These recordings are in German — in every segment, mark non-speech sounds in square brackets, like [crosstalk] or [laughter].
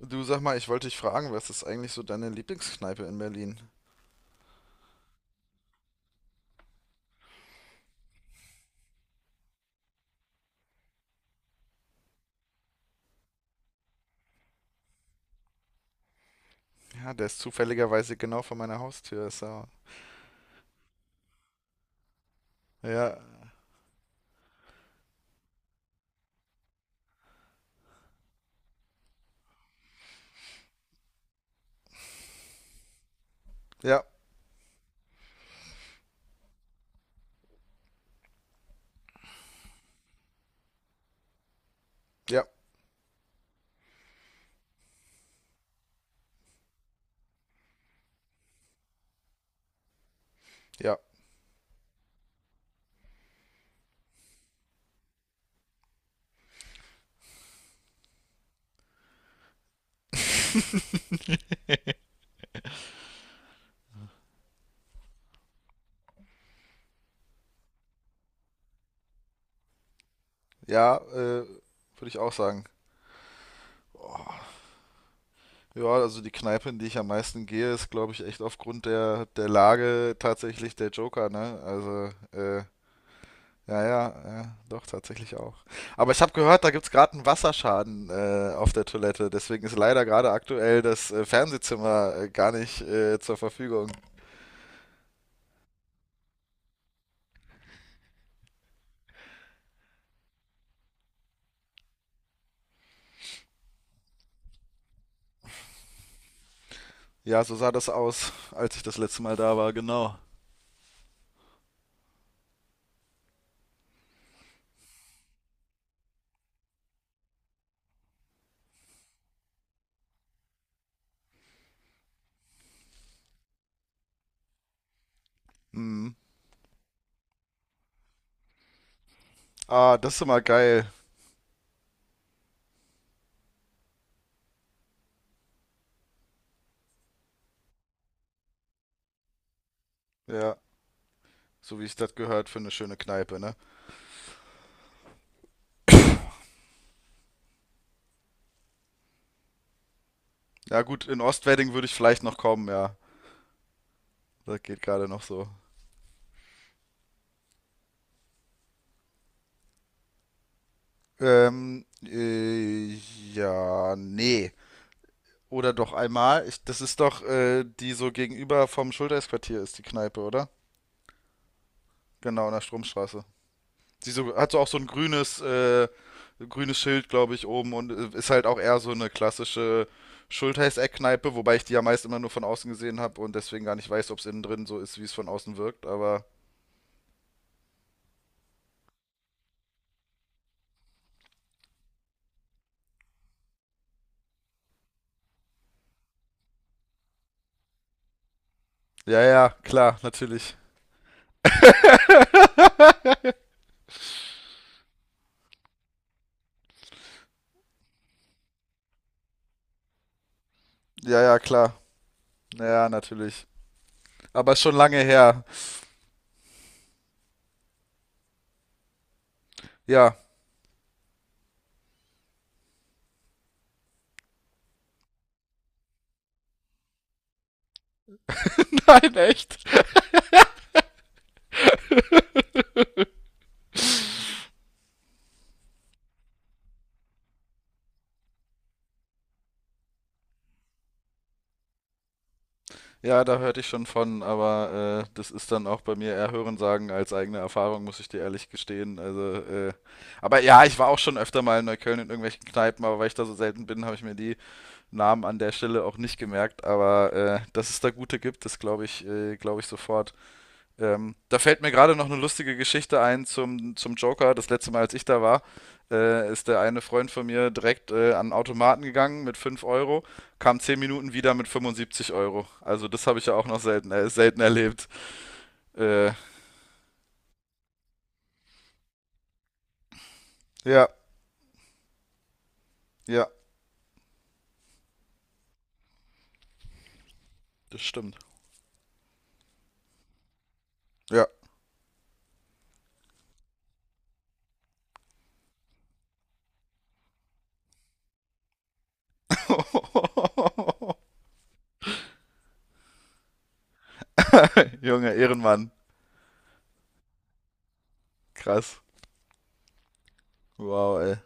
Du, sag mal, ich wollte dich fragen, was ist eigentlich so deine Lieblingskneipe in Berlin? Ja, der ist zufälligerweise genau vor meiner Haustür. Ist ja, ja, ja, ja, ja, ja, würde ich auch sagen. Oh, ja, also die Kneipe, in die ich am meisten gehe, ist, glaube ich, echt aufgrund der Lage tatsächlich der Joker, ne? Ja, ja, ja, doch, tatsächlich auch. Aber ich habe gehört, da gibt's gerade einen Wasserschaden auf der Toilette. Deswegen ist leider gerade aktuell das Fernsehzimmer gar nicht zur Verfügung. Ja, so sah das aus, als ich das letzte Mal da war, genau. Mhm. Ah, das ist immer geil. Ja, so wie ich das gehört, für eine schöne Kneipe, ne? Ja, gut, in Ostwedding würde ich vielleicht noch kommen, ja. Das geht gerade noch so. Ähm, äh, ja, nee. Oder doch einmal. Das ist doch, die so gegenüber vom Schultersquartier ist, die Kneipe, oder? Genau, in der Stromstraße. Sie so, hat so auch so ein grünes, grünes Schild, glaube ich, oben und ist halt auch eher so eine klassische Schultheiß-Eckkneipe, wobei ich die ja meist immer nur von außen gesehen habe und deswegen gar nicht weiß, ob es innen drin so ist, wie es von außen wirkt. Aber ja, ja, klar, natürlich. [laughs] Ja, ja, klar. Ja, ja, natürlich. Aber schon lange her. Ja. [laughs] Nein, echt. [laughs] Ja, da hörte ich schon von, aber das ist dann auch bei mir eher Hörensagen als eigene Erfahrung, muss ich dir ehrlich gestehen. Aber ja, ich war auch schon öfter mal in Neukölln in irgendwelchen Kneipen, aber weil ich da so selten bin, habe ich mir die Namen an der Stelle auch nicht gemerkt. Aber dass es da gute gibt, das glaube ich sofort. Da fällt mir gerade noch eine lustige Geschichte ein zum Joker. Das letzte Mal, als ich da war, ist der eine Freund von mir direkt an den Automaten gegangen mit 5 Euro, kam 10 Minuten wieder mit 75 Euro. Also das habe ich ja auch noch selten, selten erlebt. Äh, ja, ja, das stimmt. Ja. [laughs] Junge, Ehrenmann. Krass. Wow, ey.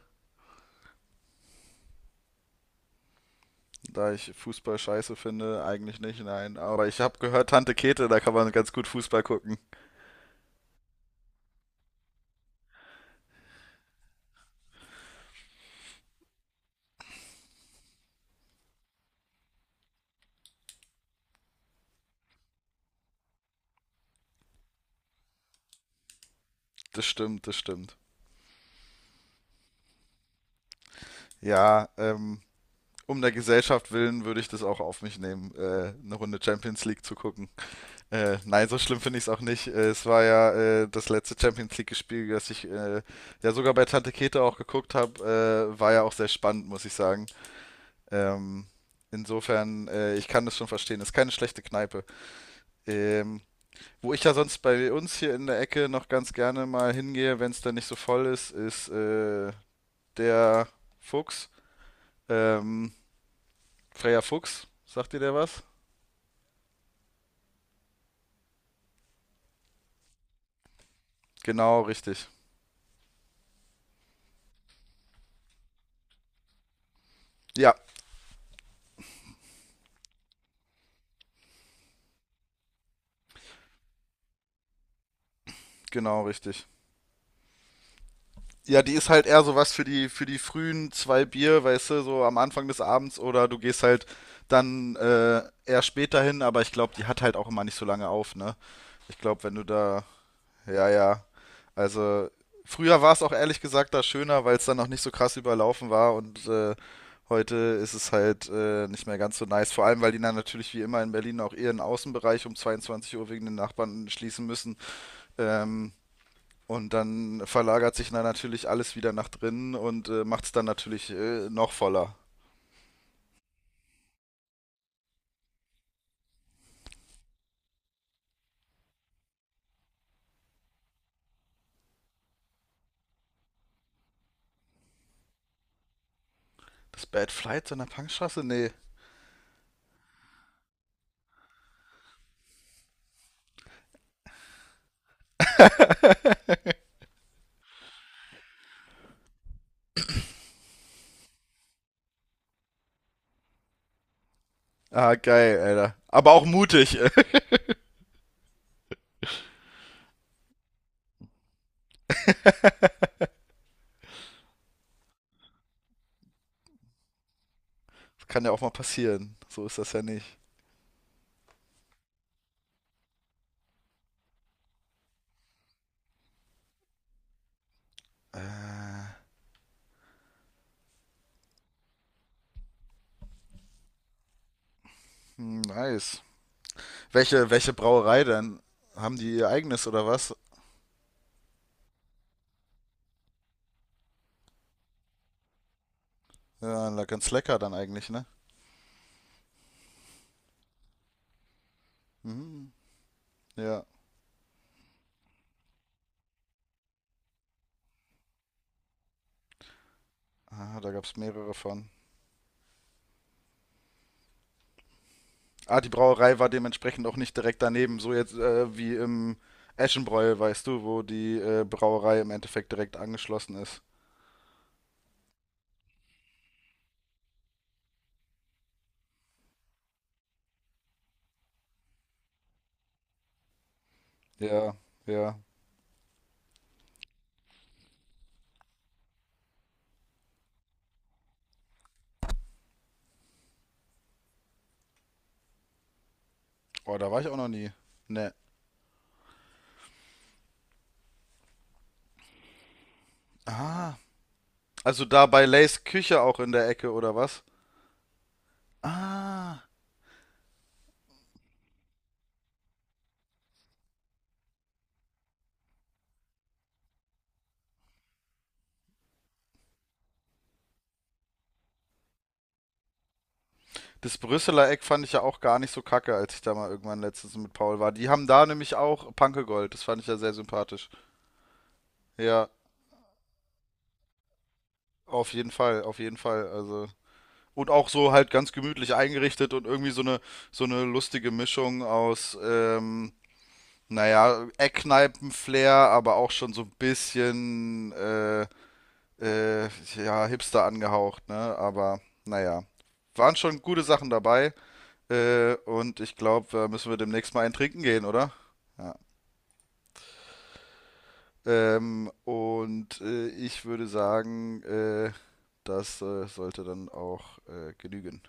Da ich Fußball scheiße finde, eigentlich nicht, nein. Aber ich habe gehört, Tante Käthe, da kann man ganz gut Fußball gucken. Das stimmt, das stimmt. Ja, um der Gesellschaft willen würde ich das auch auf mich nehmen, eine Runde Champions League zu gucken. Nein, so schlimm finde ich es auch nicht. Es war ja das letzte Champions League-Spiel, das ich ja sogar bei Tante Käthe auch geguckt habe. War ja auch sehr spannend, muss ich sagen. Ähm, insofern, ich kann das schon verstehen. Ist keine schlechte Kneipe. Ähm, wo ich ja sonst bei uns hier in der Ecke noch ganz gerne mal hingehe, wenn es dann nicht so voll ist, ist der Fuchs. Ähm, Freya Fuchs, sagt dir der was? Genau, richtig. Ja, genau, richtig. Ja, die ist halt eher sowas für für die frühen 2 Bier, weißt du, so am Anfang des Abends oder du gehst halt dann eher später hin, aber ich glaube, die hat halt auch immer nicht so lange auf, ne? Ich glaube, wenn du da, ja, ja, also früher war es auch ehrlich gesagt da schöner, weil es dann noch nicht so krass überlaufen war und heute ist es halt nicht mehr ganz so nice, vor allem, weil die dann natürlich wie immer in Berlin auch ihren Außenbereich um 22 Uhr wegen den Nachbarn schließen müssen. Ähm, und dann verlagert sich dann natürlich alles wieder nach drinnen und macht es dann natürlich noch voller. Das Bad Flight so in der Punkstraße? Nee. Ah, geil, Alter. Aber auch mutig. [laughs] Kann ja auch mal passieren. So ist das ja nicht. Äh, hm, nice. Welche Brauerei denn? Haben die ihr eigenes oder was? Ja, ganz lecker dann eigentlich, ne? Mhm. Ja. Ah, da gab es mehrere von. Ah, die Brauerei war dementsprechend auch nicht direkt daneben, so jetzt wie im Eschenbräu, weißt du, wo die Brauerei im Endeffekt direkt angeschlossen ist. Ja, ja. Oh, da war ich auch noch nie. Ne. Ah, also da bei Lays Küche auch in der Ecke, oder was? Ah, das Brüsseler Eck fand ich ja auch gar nicht so kacke, als ich da mal irgendwann letztens mit Paul war. Die haben da nämlich auch Panke Gold, das fand ich ja sehr sympathisch. Ja, auf jeden Fall, also. Und auch so halt ganz gemütlich eingerichtet und irgendwie so eine lustige Mischung aus, naja, Eckkneipen-Flair, aber auch schon so ein bisschen, äh, ja, Hipster angehaucht, ne? Aber naja, waren schon gute Sachen dabei. Und ich glaube, da müssen wir demnächst mal einen trinken gehen, oder? Ja. Und ich würde sagen, das sollte dann auch genügen.